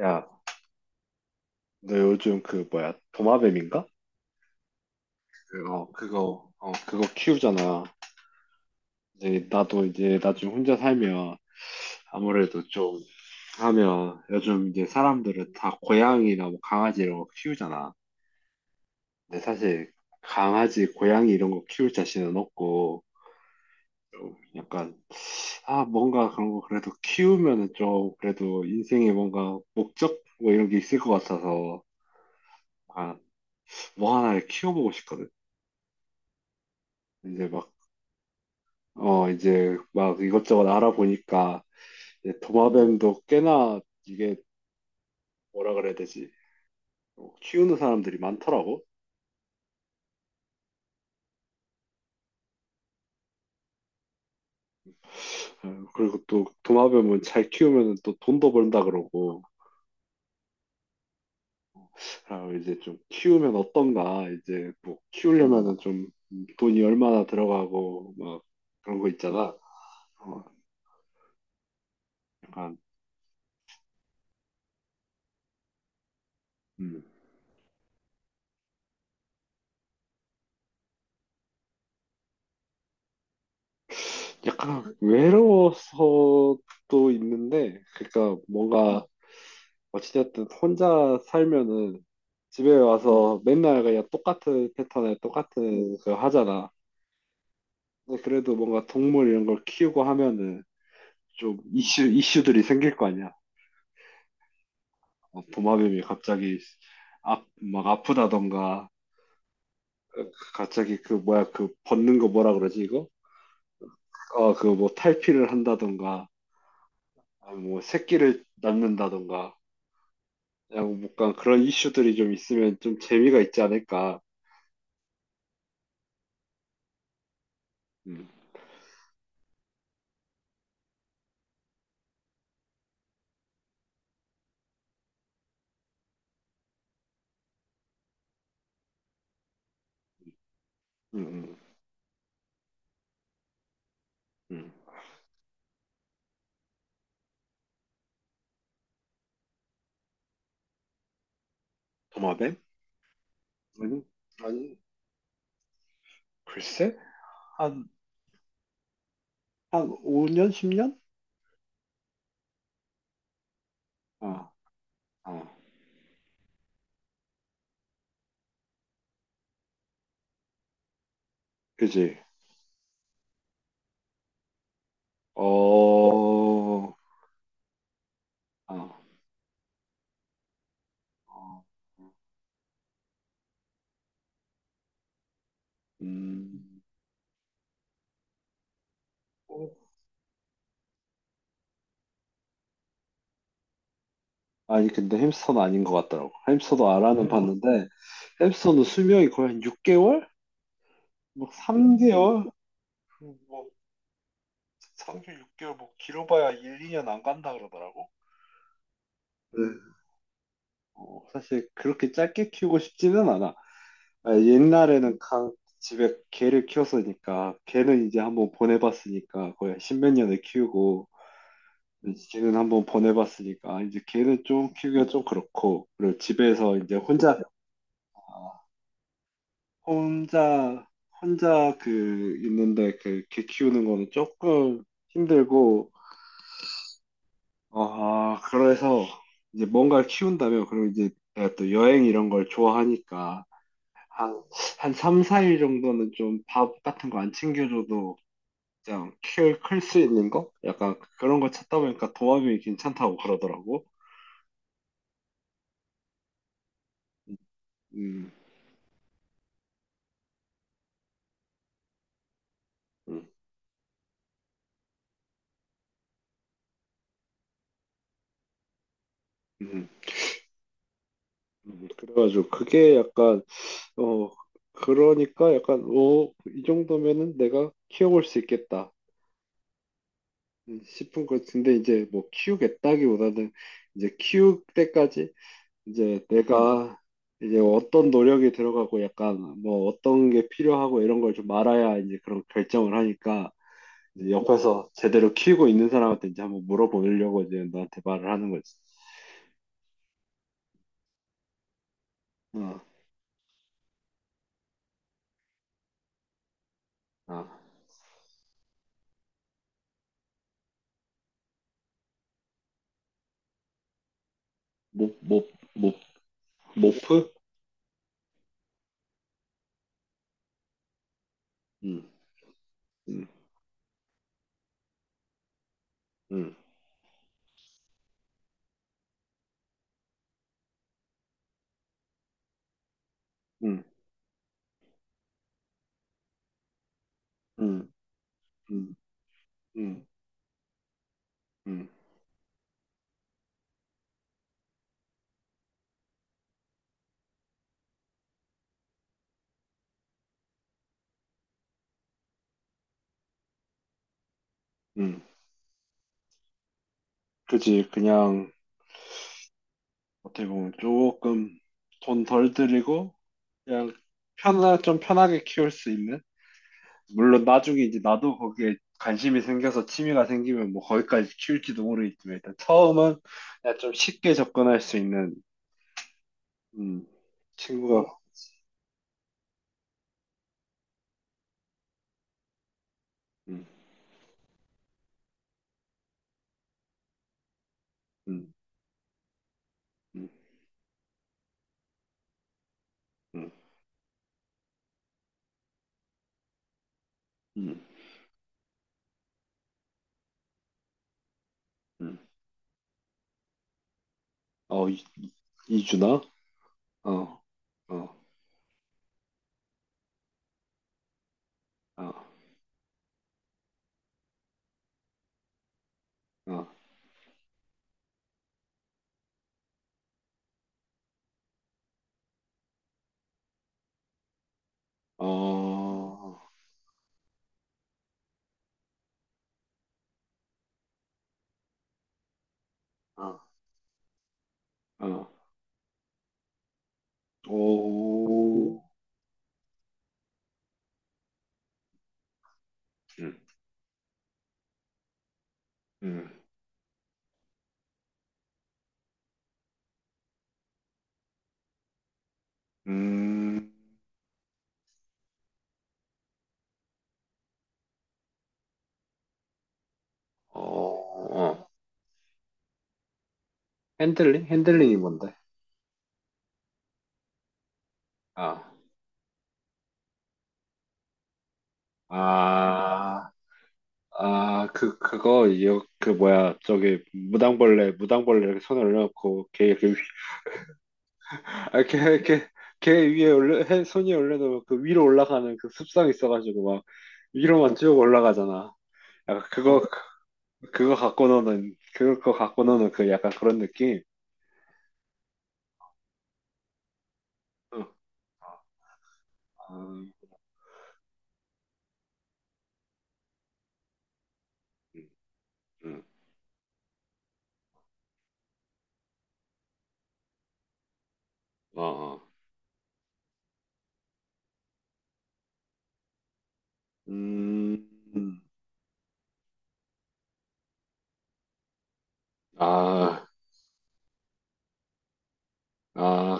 야, 너 요즘 그 뭐야 도마뱀인가? 그거 키우잖아. 이제 나도 이제 나중에 혼자 살면 아무래도 좀 하면 요즘 이제 사람들은 다 고양이나 뭐 강아지 이런 거 키우잖아. 근데 사실 강아지, 고양이 이런 거 키울 자신은 없고 좀 약간 아 뭔가 그런 거 그래도 키우면은 좀 그래도 인생에 뭔가 목적 뭐 이런 게 있을 것 같아서 아 뭐 하나를 키워보고 싶거든. 이제 막 이제 막 이것저것 알아보니까 이제 도마뱀도 꽤나 이게 뭐라 그래야 되지? 키우는 사람들이 많더라고. 어, 그리고 또 도마뱀은 잘 키우면 또 돈도 번다 그러고. 아, 이제 좀 키우면 어떤가? 이제 뭐 키우려면은 좀 돈이 얼마나 들어가고 막 그런 거 있잖아. 어, 약간 음, 약간 외로워서 도 있는데, 그러니까 뭔가 어찌됐든 혼자 살면은 집에 와서 맨날 그냥 똑같은 패턴에 똑같은 그 하잖아. 근데 그래도 뭔가 동물 이런 걸 키우고 하면은 좀 이슈들이 생길 거 아니야. 도마뱀이 갑자기 아, 막 아프다던가 갑자기 그 뭐야 그 벗는 거 뭐라 그러지 이거? 그 뭐 탈피를 한다던가 아, 뭐 새끼를 낳는다던가 그냥 뭔가 그런 이슈들이 좀 있으면 좀 재미가 있지 않을까. 음, 음, 음, 음. 도마뱀? 아니, 아니, 글쎄? 한, 한 5년, 10년? 아 아, 그지. 어, 아아 음. 아니, 근데 햄스터는 아닌 것 같더라고. 햄스터도 알아는 그래요? 봤는데, 햄스터는 수명이 거의 한 6개월? 막 3개월? 뭐, 3개월, 6개월, 뭐, 길어봐야 1, 2년 안 간다 그러더라고. 네. 사실 그렇게 짧게 키우고 싶지는 않아. 아, 옛날에는 집에 개를 키웠으니까 개는 이제 한번 보내봤으니까 거의 십몇 년을 키우고 이제 개는 한번 보내봤으니까 이제 개는 좀 키우기가 좀 그렇고 그리고 집에서 이제 혼자 아, 혼자 혼자 그 있는데 그 개 키우는 거는 조금 힘들고 아 그래서 이제 뭔가를 키운다면 그리고 이제 내가 또 여행 이런 걸 좋아하니까 한 한 3, 4일 정도는 좀 밥 같은 거 안 챙겨줘도 그냥 클수 있는 거? 약간 그런 거 찾다 보니까 도마뱀이 괜찮다고 그러더라고. 음, 음, 음, 그래가지고 그게 약간 어 그러니까 약간 오, 이 정도면은 내가 키워볼 수 있겠다 싶은 거 근데 이제 뭐 키우겠다기보다는 이제 키울 때까지 이제 내가 이제 어떤 노력이 들어가고 약간 뭐 어떤 게 필요하고 이런 걸 좀 알아야 이제 그런 결정을 하니까 이제 옆에서 제대로 키우고 있는 사람한테 이제 한번 물어보려고 이제 너한테 말을 하는 거지. 어, 아, 모, 모, 모, 모프? 응, 응, 응, 응, 응, 응, 응, 응, 응. 그지, 그냥, 어떻게 보면 조금 돈 덜 들이고, 그냥 좀 편하게 키울 수 있는? 물론 나중에 이제 나도 거기에 관심이 생겨서 취미가 생기면 뭐 거기까지 키울지도 모르겠지만, 일단 처음은 그냥 좀 쉽게 접근할 수 있는 음, 친구가, 음, 음, 음, 음, 음, 음. 어, 이준아? 어, 어, 어, 어, 어, 어, 어, 어, 오, 음, 음, 음, 어, 어. 핸들링? 핸들링이 뭔데? 아, 아, 아, 그거, 그, 뭐야, 저기, 무당벌레, 무당벌레 이렇게 손을 올고걔 이렇게 아, 걔 위에 올려, 해, 손이 올려도 그 위로 올라가는 그 습성 있어가지고 막 위로만 쭉 올라가잖아. 약간 그거 갖고 노는 그 약간 그런 느낌? 응. 아, 음, 음, 어, 어. 음, 음. 아, 아,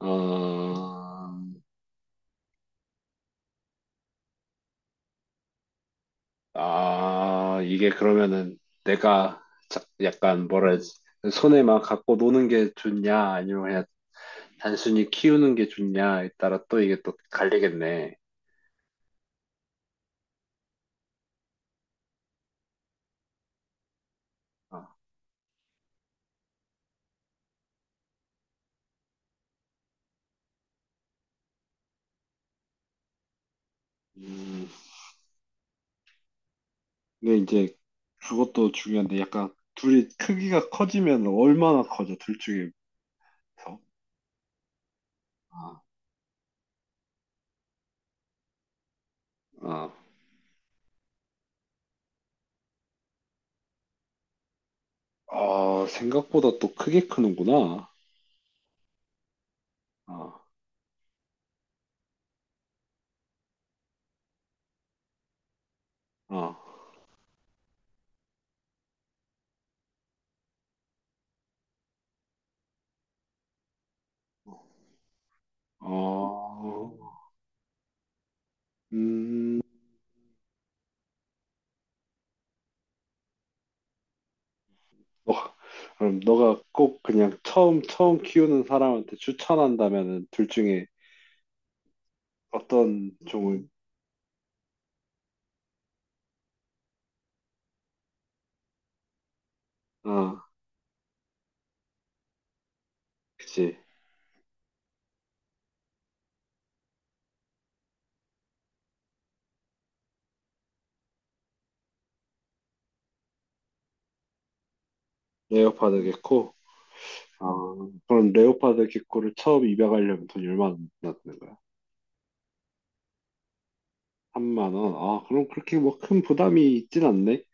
어, 아, 이게 그러면은 내가 약간 뭐라 해야지, 손에 막 갖고 노는 게 좋냐, 아니면 그냥 단순히 키우는 게 좋냐에 따라 또 이게 또 갈리겠네. 아, 음, 근데 이제 그것도 중요한데 약간 둘이 크기가 커지면 얼마나 커져? 둘 중에서. 아, 아, 아, 생각보다 또 크게 크는구나. 아, 아, 아, 음, 너가, 그럼 너가 꼭 그냥 처음 키우는 사람한테 추천한다면은 둘 중에 어떤 종을, 아, 그치. 레오파드겠고, 아, 그럼 레오파드 개코를 처음 입양하려면 돈이 얼마나 드는 거야? 3만 원. 아, 그럼 그렇게 뭐 큰 부담이 있진 않네.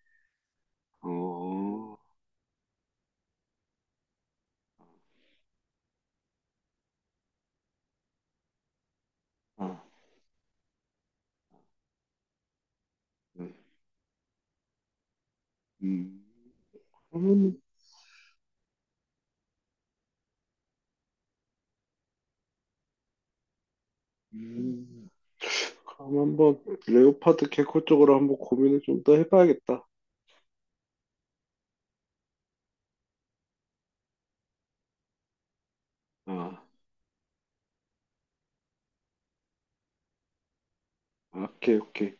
어, 아, 음, 음. 그러면, 음, 그럼 한번 레오파드 개코 쪽으로 한번 고민을 좀 더 해봐야겠다. 아, 오케이, 오케이.